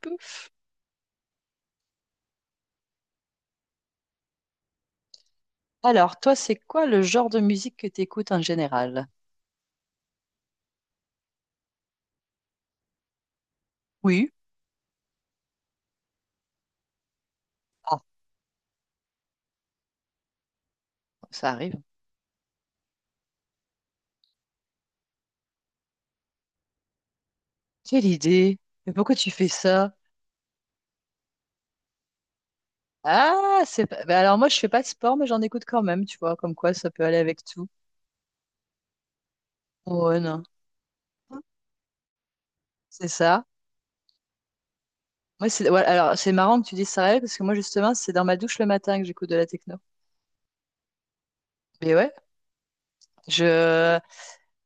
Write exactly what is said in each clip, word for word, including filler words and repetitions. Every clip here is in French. Peu. Alors, toi, c'est quoi le genre de musique que tu écoutes en général? Oui. Ah, ça arrive. Quelle idée. Mais pourquoi tu fais ça? Ah, c'est pas. Ben alors, moi, je fais pas de sport, mais j'en écoute quand même, tu vois, comme quoi ça peut aller avec tout. Ouais, non. C'est ça. Moi, c'est. Ouais, alors, c'est marrant que tu dises ça, Raël, parce que moi, justement, c'est dans ma douche le matin que j'écoute de la techno. Mais ouais, je...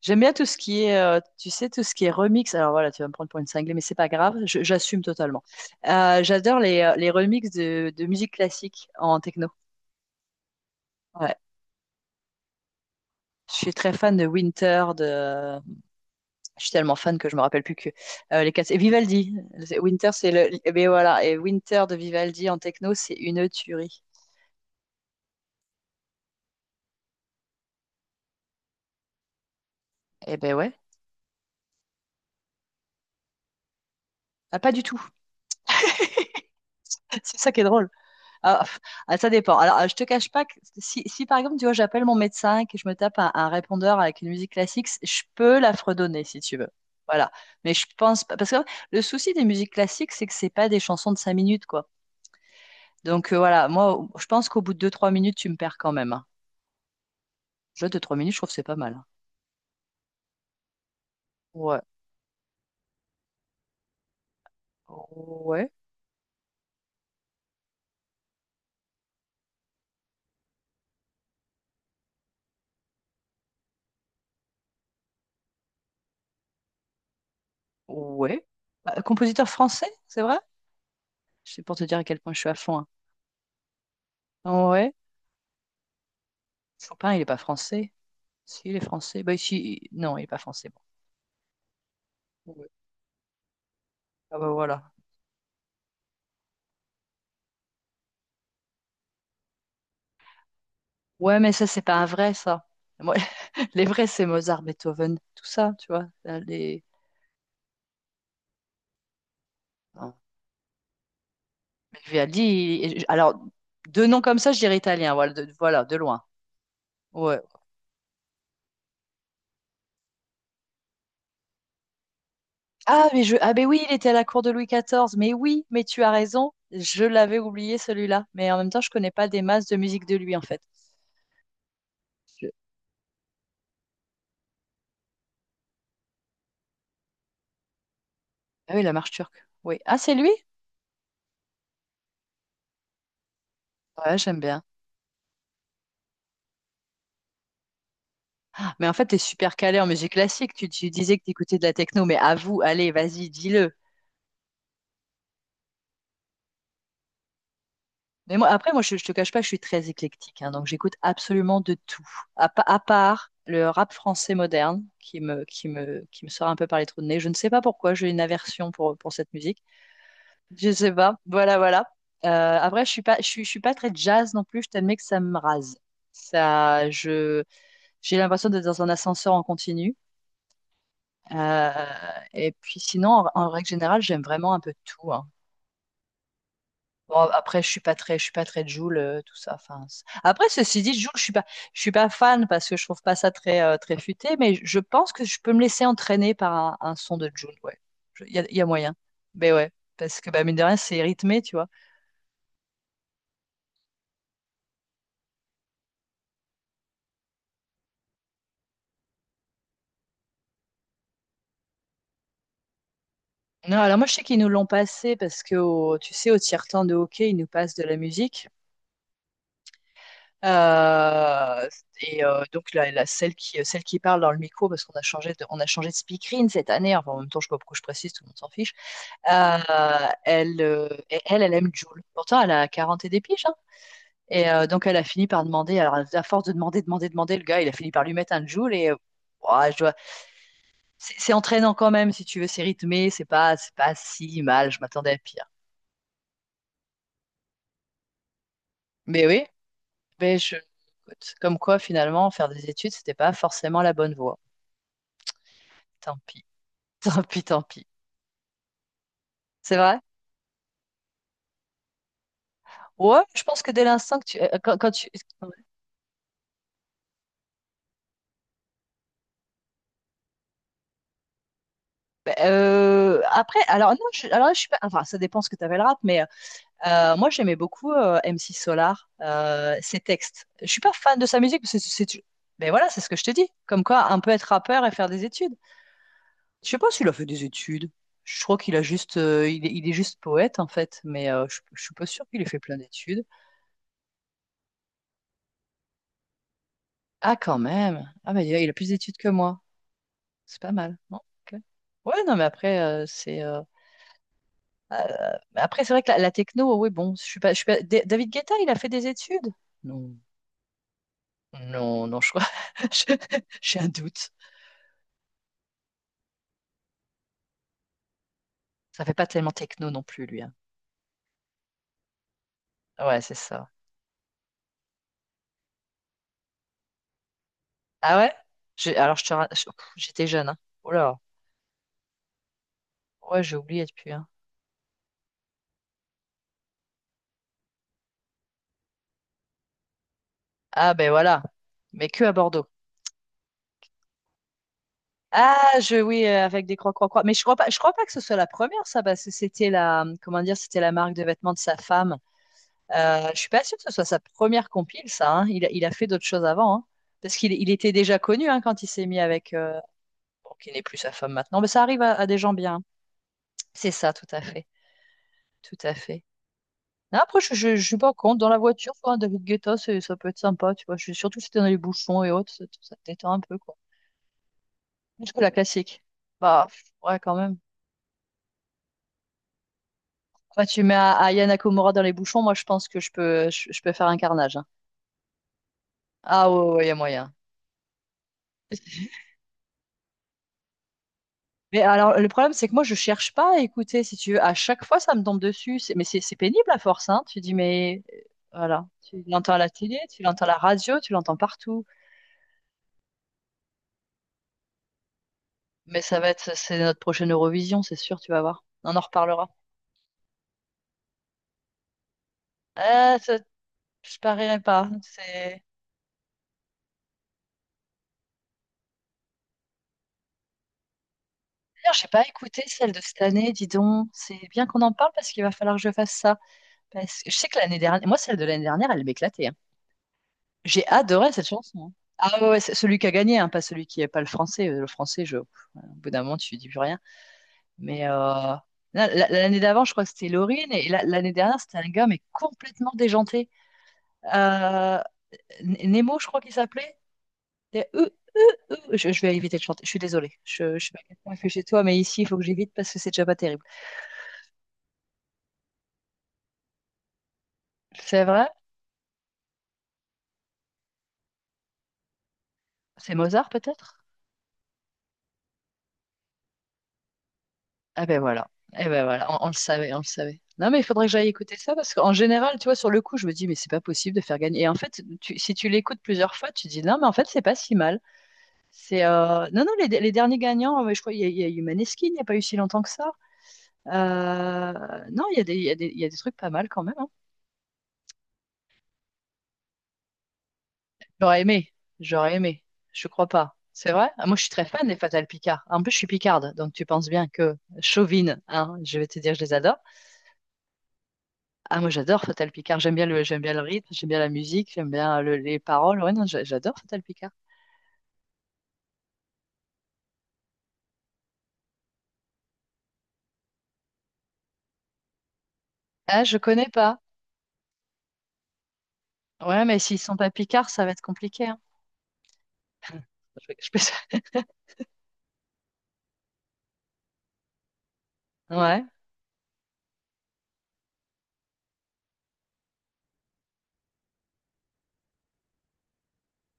j'aime bien tout ce qui est, euh, tu sais, tout ce qui est remix. Alors voilà, tu vas me prendre pour une cinglée, mais c'est pas grave, je- j'assume totalement. Euh, j'adore les, euh, les remixes de, de musique classique en techno. Ouais. Je suis très fan de Winter, de... Je suis tellement fan que je me rappelle plus que euh, les quatre... Et Vivaldi. C'est- Winter, c'est le... Eh ben voilà, et Winter de Vivaldi en techno, c'est une tuerie. Eh ben ouais. Ah, pas du tout. C'est ça qui est drôle. Ah, pff, ah, ça dépend. Alors, ah, je te cache pas que si, si, par exemple, tu vois, j'appelle mon médecin et que je me tape un, un répondeur avec une musique classique, c- je peux la fredonner si tu veux. Voilà. Mais je pense pas. Parce que le souci des musiques classiques, c'est que c'est pas des chansons de cinq minutes, quoi. Donc, euh, voilà. Moi, au- je pense qu'au bout de deux, trois minutes, tu me perds quand même, hein. Déjà, deux, trois minutes, je trouve que c'est pas mal, hein. Ouais. Ouais. Ouais. Bah, compositeur français, c'est vrai? C'est pour te dire à quel point je suis à fond, hein. Ouais. Chopin, il est pas français. Si, il est français. Bah, ici, non, il est pas français. Bon. Ah bah voilà. Ouais, mais ça, c'est pas un vrai, ça. Moi, les vrais, c'est Mozart, Beethoven, tout ça, tu vois. Là, Les... Non. Mais Vivaldi, il- alors, deux noms comme ça, je dirais italien, voilà, de, voilà, de loin. Ouais. Ah, mais je... ah, mais oui, il était à la cour de Louis quatorze. Mais oui, mais tu as raison, je l'avais oublié celui-là. Mais en même temps, je connais pas des masses de musique de lui, en fait. Je- Ah oui, la marche turque. Oui. Ah, c'est lui? Ouais, j'aime bien. Ah, mais en fait, t'es super calé en musique classique. Tu, tu disais que t'écoutais de la techno, mais avoue, allez, vas-y, dis-le. Mais moi, après, moi, je, je te cache pas, je suis très éclectique, hein, donc j'écoute absolument de tout, à, pa- à part le rap français moderne qui me, qui me, qui me sort un peu par les trous de nez. Je ne sais pas pourquoi, j'ai une aversion pour, pour cette musique. Je sais pas. Voilà, voilà. Euh, après, je suis pas, je suis, je suis pas très jazz non plus. Je t'admets que ça me rase. Ça, je, j'ai l'impression d'être dans un ascenseur en continu. Euh, et puis sinon, en, en règle générale, j'aime vraiment un peu tout, hein. Bon, après, je suis pas très, je suis pas très Jul, euh, tout ça. Enfin, c'est- après, ceci dit, Jul, je suis pas, je suis pas fan parce que je trouve pas ça très, euh, très futé, mais je pense que je peux me laisser entraîner par un, un son de Jul. Ouais, il y a, y a moyen. Mais ouais, parce que bah, mine de rien, c'est rythmé, tu vois. Non, alors moi, je sais qu'ils nous l'ont passé parce que, au- tu sais, au tiers-temps de hockey, ils nous passent de la musique. Euh, et euh, donc la, la- celle qui, celle qui parle dans le micro, parce qu'on a changé de, on a changé de speakerine cette année. Enfin, en même temps, je sais pas pourquoi je précise, tout le monde s'en fiche. Euh, elle, euh, et elle, elle aime Jules. Pourtant, elle a quarante et des piges, hein. Et euh, donc, elle a fini par demander. Alors, à force de demander, demander, demander, le gars, il a fini par lui mettre un Jules. Et euh, ouah, je dois- c'est c'est entraînant quand même, si tu veux. C'est rythmé. C'est pas, c'est pas si mal. Je m'attendais à pire. Mais oui, mais je... écoute, comme quoi, finalement, faire des études, c'était pas forcément la bonne voie. Tant pis. Tant pis, tant pis. C'est vrai? Ouais, je pense que dès l'instant que tu. Euh, Quand, quand tu... Ouais. Ben, euh, après, alors non, je, alors là, je suis pas. Enfin, ça dépend ce que tu avais le rap, mais Euh, moi, j'aimais beaucoup euh, M C Solar, euh, ses textes. Je suis pas fan de sa musique, parce que c'est, c'est- mais voilà, c'est ce que je te dis. Comme quoi, un peu être rappeur et faire des études. Je sais pas s'il a fait des études. Je crois qu'il a juste, euh, il est, il est juste poète en fait, mais euh, je, je suis pas sûre qu'il ait fait plein d'études. Ah, quand même. Ah, mais il a plus d'études que moi. C'est pas mal. Non, ok. Ouais, non, mais après, euh, c'est. Euh, euh, mais après, c'est vrai que la, la techno, oui, bon, je suis pas, je suis pas- Da- David Guetta, il a fait des études. Non. Non, non, je crois. je- j'ai un doute. Ça fait pas tellement techno non plus, lui, hein. Ouais, c'est ça. Ah ouais? J'ai- Alors, je te... ra- je- pff, j'étais jeune. Hein. Oh là. Ouais, j'ai oublié depuis, hein. Ah, ben voilà. Mais que à Bordeaux. Ah, je, oui, euh, avec des croix, croix, croix. Mais je crois pas, je crois pas que ce soit la première, ça, parce que c'était la, comment dire, c'était la marque de vêtements de sa femme. Euh, je suis pas sûre que ce soit sa première compile, ça, hein. Il, a- il a fait d'autres choses avant, hein. Parce qu'il il était déjà connu hein, quand il s'est mis avec, euh, bon, qui n'est plus sa femme maintenant. Mais ça arrive à à des gens bien. C'est ça, tout à fait. Tout à fait. Non, après, je, je, je suis pas contre. Dans la voiture, quoi, David Guetta, c'est- ça peut être sympa, tu vois. Je, surtout si t'es dans les bouchons et autres, ça, ça te détend un peu, quoi. Plus que la classique. Bah, pff, ouais, quand même. Enfin, tu mets A- Aya Nakamura dans les bouchons, moi, je pense que je peux, je, je peux faire un carnage, hein. Ah ouais, ouais, il y a moyen. Mais alors, le problème, c'est que moi, je cherche pas à écouter, si tu veux. À chaque fois, ça me tombe dessus. C'est- Mais c'est c'est pénible à force, hein. Tu dis, mais euh, voilà. Tu l'entends à la télé, tu l'entends à la radio, tu l'entends partout. Mais ça va être, c'est notre prochaine Eurovision, c'est sûr, tu vas voir. On en reparlera. Ah, ça, je parierais pas. C'est... D'ailleurs, j'ai pas écouté celle de cette année, dis donc. C'est bien qu'on en parle parce qu'il va falloir que je fasse ça. Parce que je sais que l'année dernière, moi, celle de l'année dernière, elle m'éclatait, hein. J'ai adoré cette chanson, hein. Ah ouais, ouais, c'est celui qui a gagné, hein, pas celui qui est pas le français. Euh, Le français, je... pff, au bout d'un moment, tu dis plus rien. Mais euh, là, la- l'année d'avant, je crois que c'était Laurine. Et là, l'année dernière, c'était un gars, mais complètement déjanté. Euh, N- Nemo, je crois qu'il s'appelait. Des euh, euh, euh. Je, je vais éviter de chanter. Je suis désolée. Je, je sais pas quel point il fait chez toi, mais ici, il faut que j'évite parce que c'est déjà pas terrible. C'est vrai? C'est Mozart, peut-être? Ah ben voilà. Eh ben voilà. On, on le savait, on le savait. Non, mais il faudrait que j'aille écouter ça parce qu'en général, tu vois, sur le coup, je me dis, mais c'est pas possible de faire gagner. Et en fait, tu- si tu l'écoutes plusieurs fois, tu te dis, non, mais en fait, c'est pas si mal. C'est euh, non, non, les, les derniers gagnants, euh, je crois, il y, a il y a eu Maneskin, il n'y a pas eu si longtemps que ça. Euh, Non, il y a des, il y a des, il y a des trucs pas mal quand même, hein. J'aurais aimé, j'aurais aimé. Je crois pas. C'est vrai? Ah, moi, je suis très fan des Fatal Picard. En plus, je suis picarde, donc tu penses bien que chauvine, hein, je vais te dire, je les adore. Ah, moi, j'adore Fatal Picard. J'aime bien le, j'aime bien le rythme, j'aime bien la musique, j'aime bien le- les paroles. Ouais, non, j'a- j'adore Fatal Picard. Ah, je connais pas. Ouais, mais s'ils sont pas picards, ça va être compliqué, hein. Je, je peux... Ouais.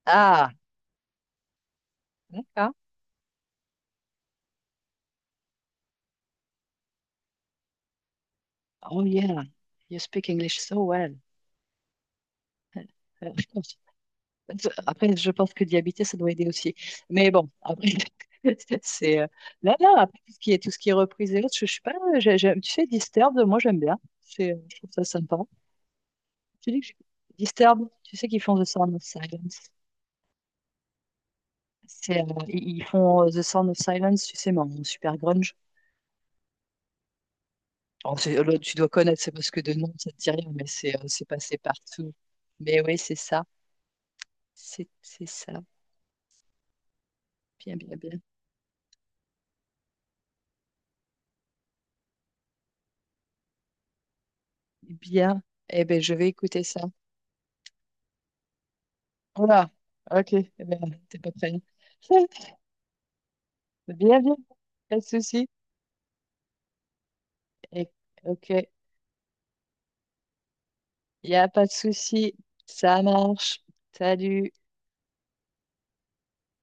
Ah, d'accord. Oh yeah, you speak English so well. Après, je pense que d'y habiter, ça doit aider aussi. Mais bon, après, c'est euh, là, là, après, tout ce qui est, tout ce qui est reprise et autres, je, je suis pas, j'ai- j'aime- tu sais, Disturbed, moi, j'aime bien. C'est, euh, je trouve ça sympa. Tu dis que j'ai- Disturbed, tu sais qu'ils font The Sound of Silence. C'est, euh, ils ils font euh, The Sound of Silence, tu sais, mais en super grunge. Alors, c'est- là, tu dois connaître, c'est parce que de nom, ça te dit rien, mais c'est euh, c'est passé partout. Mais oui, c'est ça. C'est c'est ça. Bien, bien, bien. Bien. Eh ben, je vais écouter ça. Voilà, ok, eh ben, t'es pas prêt. Bien, bien, pas de souci. Et- Ok, il n'y a pas de souci. Ça marche. Salut.